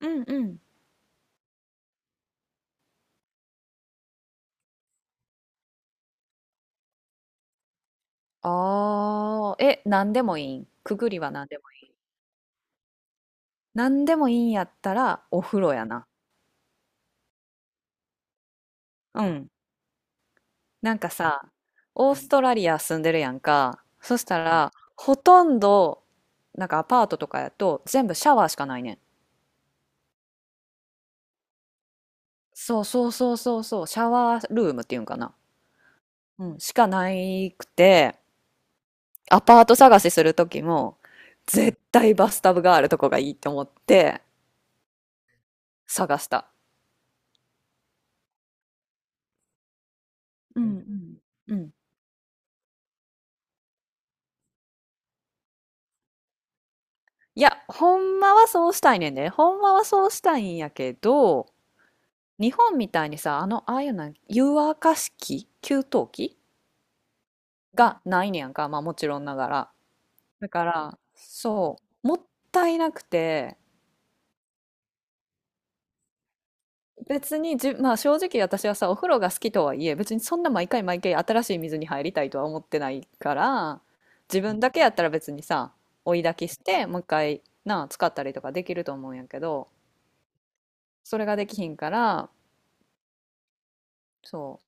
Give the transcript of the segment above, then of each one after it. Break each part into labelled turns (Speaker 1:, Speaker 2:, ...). Speaker 1: うんうん。ああ、え、なんでもいいん。くぐりはなんでもいい。なんでもいいんやったらお風呂やな。うん。なんかさ、オーストラリア住んでるやんか。そしたら、ほとんど、なんかアパートとかやと全部シャワーしかないねん。そうそうそうそうそう、シャワールームっていうんかな。うん、しかないくて、アパート探しする時も、絶対バスタブがあるとこがいいと思って探した。うんうん。うん。いや、ほんまはそうしたいねんで。ほんまはそうしたいんやけど、日本みたいにさ、ああいうな湯沸かし器、給湯器がないねやんか。まあもちろんながら。だから、そう、もったいなくて、別にじ、まあ正直私はさ、お風呂が好きとはいえ、別にそんな毎回毎回新しい水に入りたいとは思ってないから、自分だけやったら別にさ、追い焚きして、もう一回、なあ、使ったりとかできると思うんやけど、それができひんから、そう。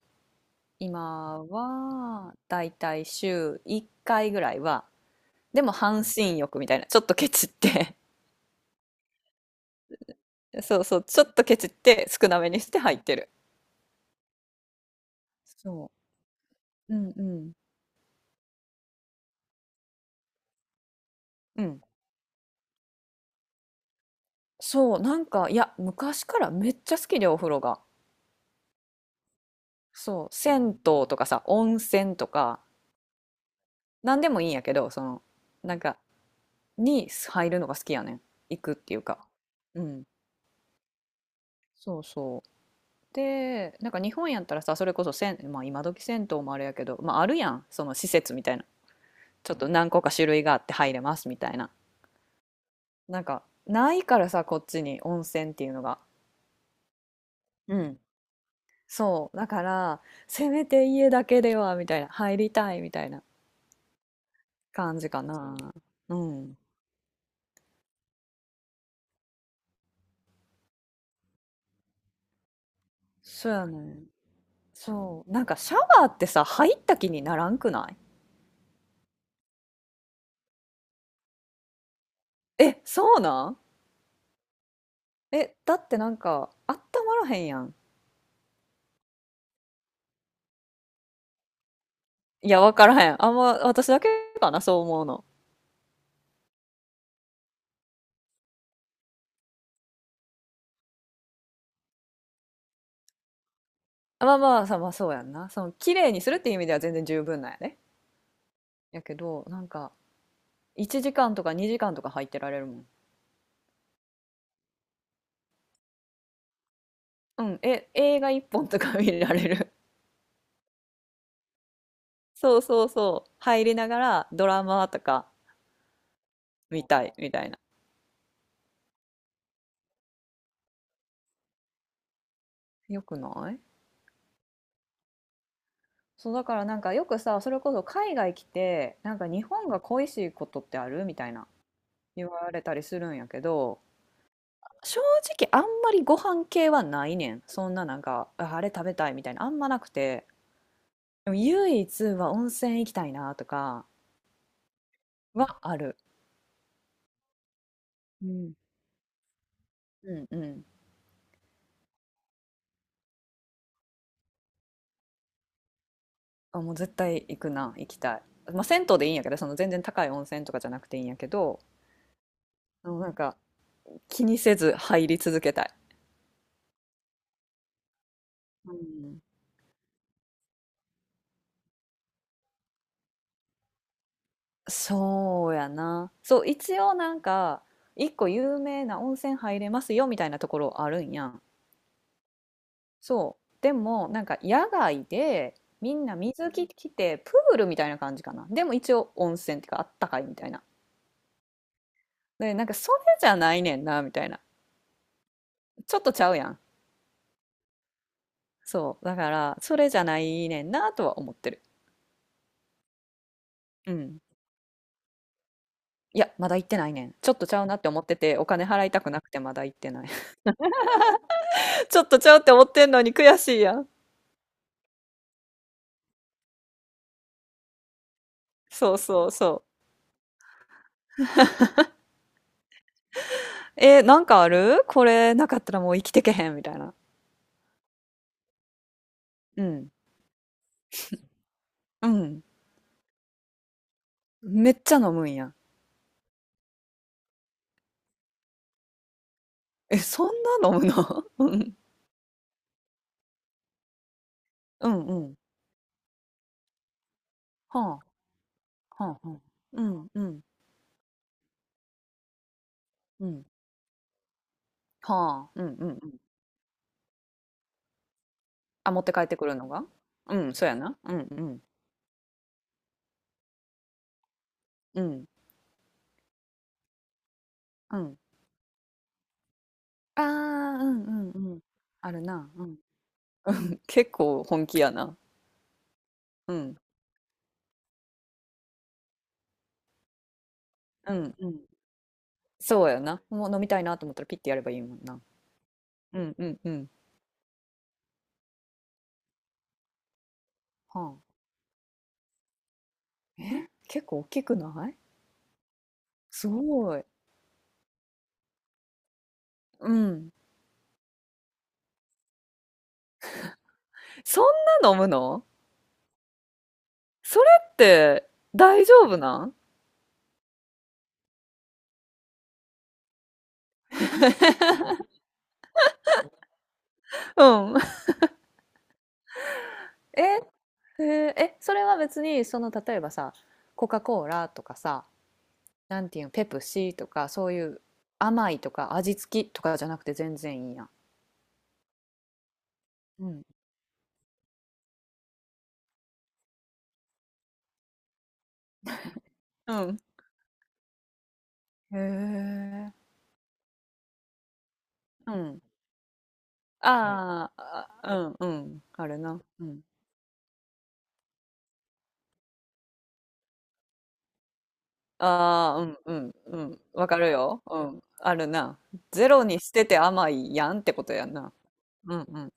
Speaker 1: 今は、だいたい週1回ぐらいは、でも半身浴みたいな、ちょっとケチって そうそう、ちょっとケチって少なめにして入ってる。そう。うんうん。うん。そう、なんか、いや、昔からめっちゃ好きで、お風呂が。そう、銭湯とかさ、温泉とか、なんでもいいんやけど、その、なんか、に入るのが好きやねん。行くっていうか。うん。そうそう。でなんか日本やったらさ、それこそまあ、今時銭湯もあれやけど、まあ、あるやん、その施設みたいな、ちょっと何個か種類があって入れますみたいな、なんかないからさ、こっちに温泉っていうのが。うん。そうだから、せめて家だけではみたいな、入りたいみたいな感じかな。うん。そうやね。そう、なんかシャワーってさ、入った気にならんくない？え、そうなん？え、だってなんかあったまらへんやん。いや、わからへん。あんま、私だけかな、そう思うの。あ、まあまあ、さ、まあそうやんな。その、綺麗にするっていう意味では全然十分なんやね。やけど、なんか、1時間とか2時間とか入ってられるもん。うん、え、映画1本とか見られる。そうそうそう。入りながらドラマとか見たいみたいな。よくない？そう、だからなんかよくさ、それこそ海外来て、なんか日本が恋しいことってあるみたいな、言われたりするんやけど、正直あんまりご飯系はないねん。そんななんか、あ、あれ食べたいみたいな、あんまなくて。でも唯一は温泉行きたいなとかはある。うん。うんうん。あ、もう絶対行くな、行きたい。まあ、銭湯でいいんやけど、その全然高い温泉とかじゃなくていいんやけど、あのなんか気にせず入り続けたい。うん。そうやな。そう、一応なんか、一個有名な温泉入れますよみたいなところあるんやん。そう。でも、なんか野外で、みんな水着着て、プールみたいな感じかな。でも一応温泉っていうか、あったかいみたいな。で、なんかそれじゃないねんな、みたいな。ちょっとちゃうやん。そう。だから、それじゃないねんな、とは思ってる。うん。いや、まだ行ってないねん。ちょっとちゃうなって思ってて、お金払いたくなくてまだ行ってない。ちょっとちゃうって思ってんのに悔しいやん。そうそうそう。なんかあるこれなかったらもう生きてけへん、みたいな。うん。うん。めっちゃ飲むんやん。え、そんな飲むの？うん。うんうん。はあ、はあはあ。うんうん、うん。はあ、うんうんうん。あ、持って帰ってくるのが？うん、そうやな。うんうん。うん、うん。ああ、うんうんうん。あるな。うん。結構本気やな。うん。うんうん。そうやな。もう飲みたいなと思ったらピッてやればいいもんな。うんうんうん。はあ。え、結構大きくない？すごい。うん。そんな飲むの？それって大丈夫なん？うん。え、へえ、え、それは別にその例えばさ、コカ・コーラとかさ、なんていうの、ペプシとかそういう甘いとか味付きとかじゃなくて全然いいやん。うん。うん。へえ、うん。あーあ、あ、うん、うん、あるな。うん。ああ、うん、うん、うん。わかるよ。うん、あるな。ゼロにしてて甘いやんってことやんな。うん、うん。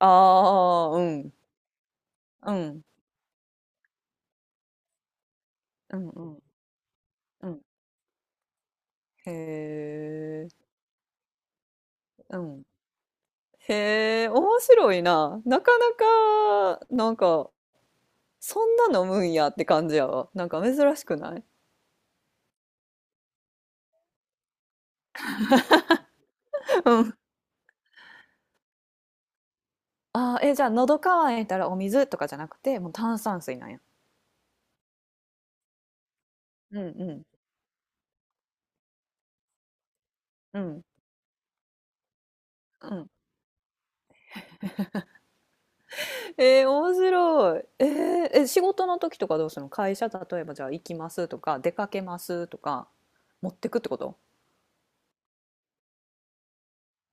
Speaker 1: ああ、うん、うん、うん、うん、うん。へえ、うん。へえ、面白いな。なかなか、なんか、そんな飲むんやって感じやわ。なんか珍しくない？ うん。あー、え、じゃあ、喉乾いたらお水とかじゃなくて、もう炭酸水なんや。うんうんうん。うん、面白い。え、仕事の時とかどうするの、会社、例えばじゃあ行きますとか、出かけますとか、持ってくってこと？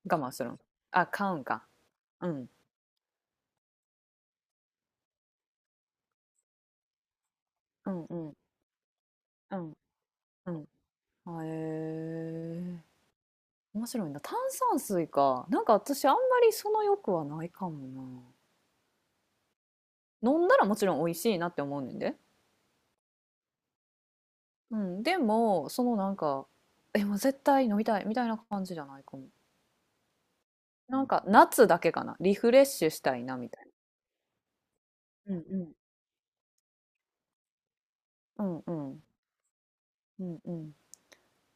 Speaker 1: 我慢するの？あ、買うんか。うん。うんうん。うんうん。へえ。面白いな。炭酸水か。なんか私あんまりその欲はないかもな。飲んだらもちろん美味しいなって思うねんで。うん。でも、そのなんか、え、もう絶対飲みたいみたいな感じじゃないかも。なんか夏だけかな。リフレッシュしたいなみたい、うんうん、な。うんうん。うんうん。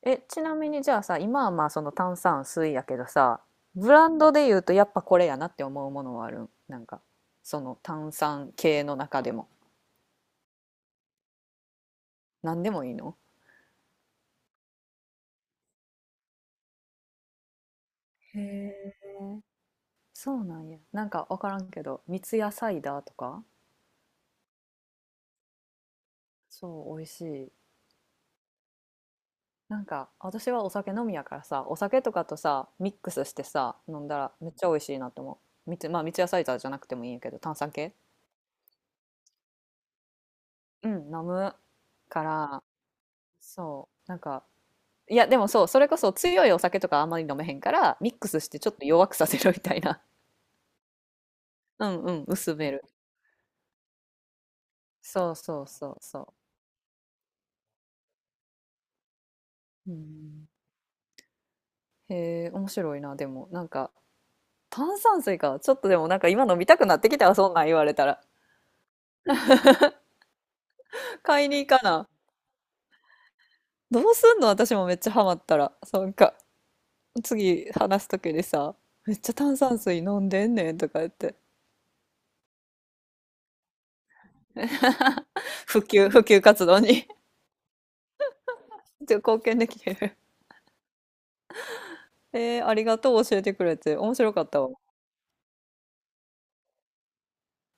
Speaker 1: え、ちなみにじゃあさ、今はまあその炭酸水やけどさ、ブランドで言うとやっぱこれやなって思うものはあるん？なんか、その炭酸系の中でも。何でもいいの？へえ。そうなんや。なんかわからんけど、三ツ矢サイダーとか、そう、美味しい。なんか私はお酒飲みやからさ、お酒とかとさ、ミックスしてさ、飲んだらめっちゃ美味しいなと思う。まあ三ツ矢サイダーじゃなくてもいいんやけど、炭酸系。うん、飲むから、そう、なんか、いや、でもそう、それこそ強いお酒とかあんまり飲めへんから、ミックスしてちょっと弱くさせるみたいな。うんうん、薄める。そうそうそうそう。うん、へえ、面白いな、でも、なんか、炭酸水か。ちょっとでもなんか今飲みたくなってきたわ、そんなん言われたら。買いに行かな。どうすんの私もめっちゃハマったら。なんか、次話す時にさ、めっちゃ炭酸水飲んでんねんとか言って。普及活動に ちょっと 貢献できてる。ありがとう教えてくれて。面白かったわ。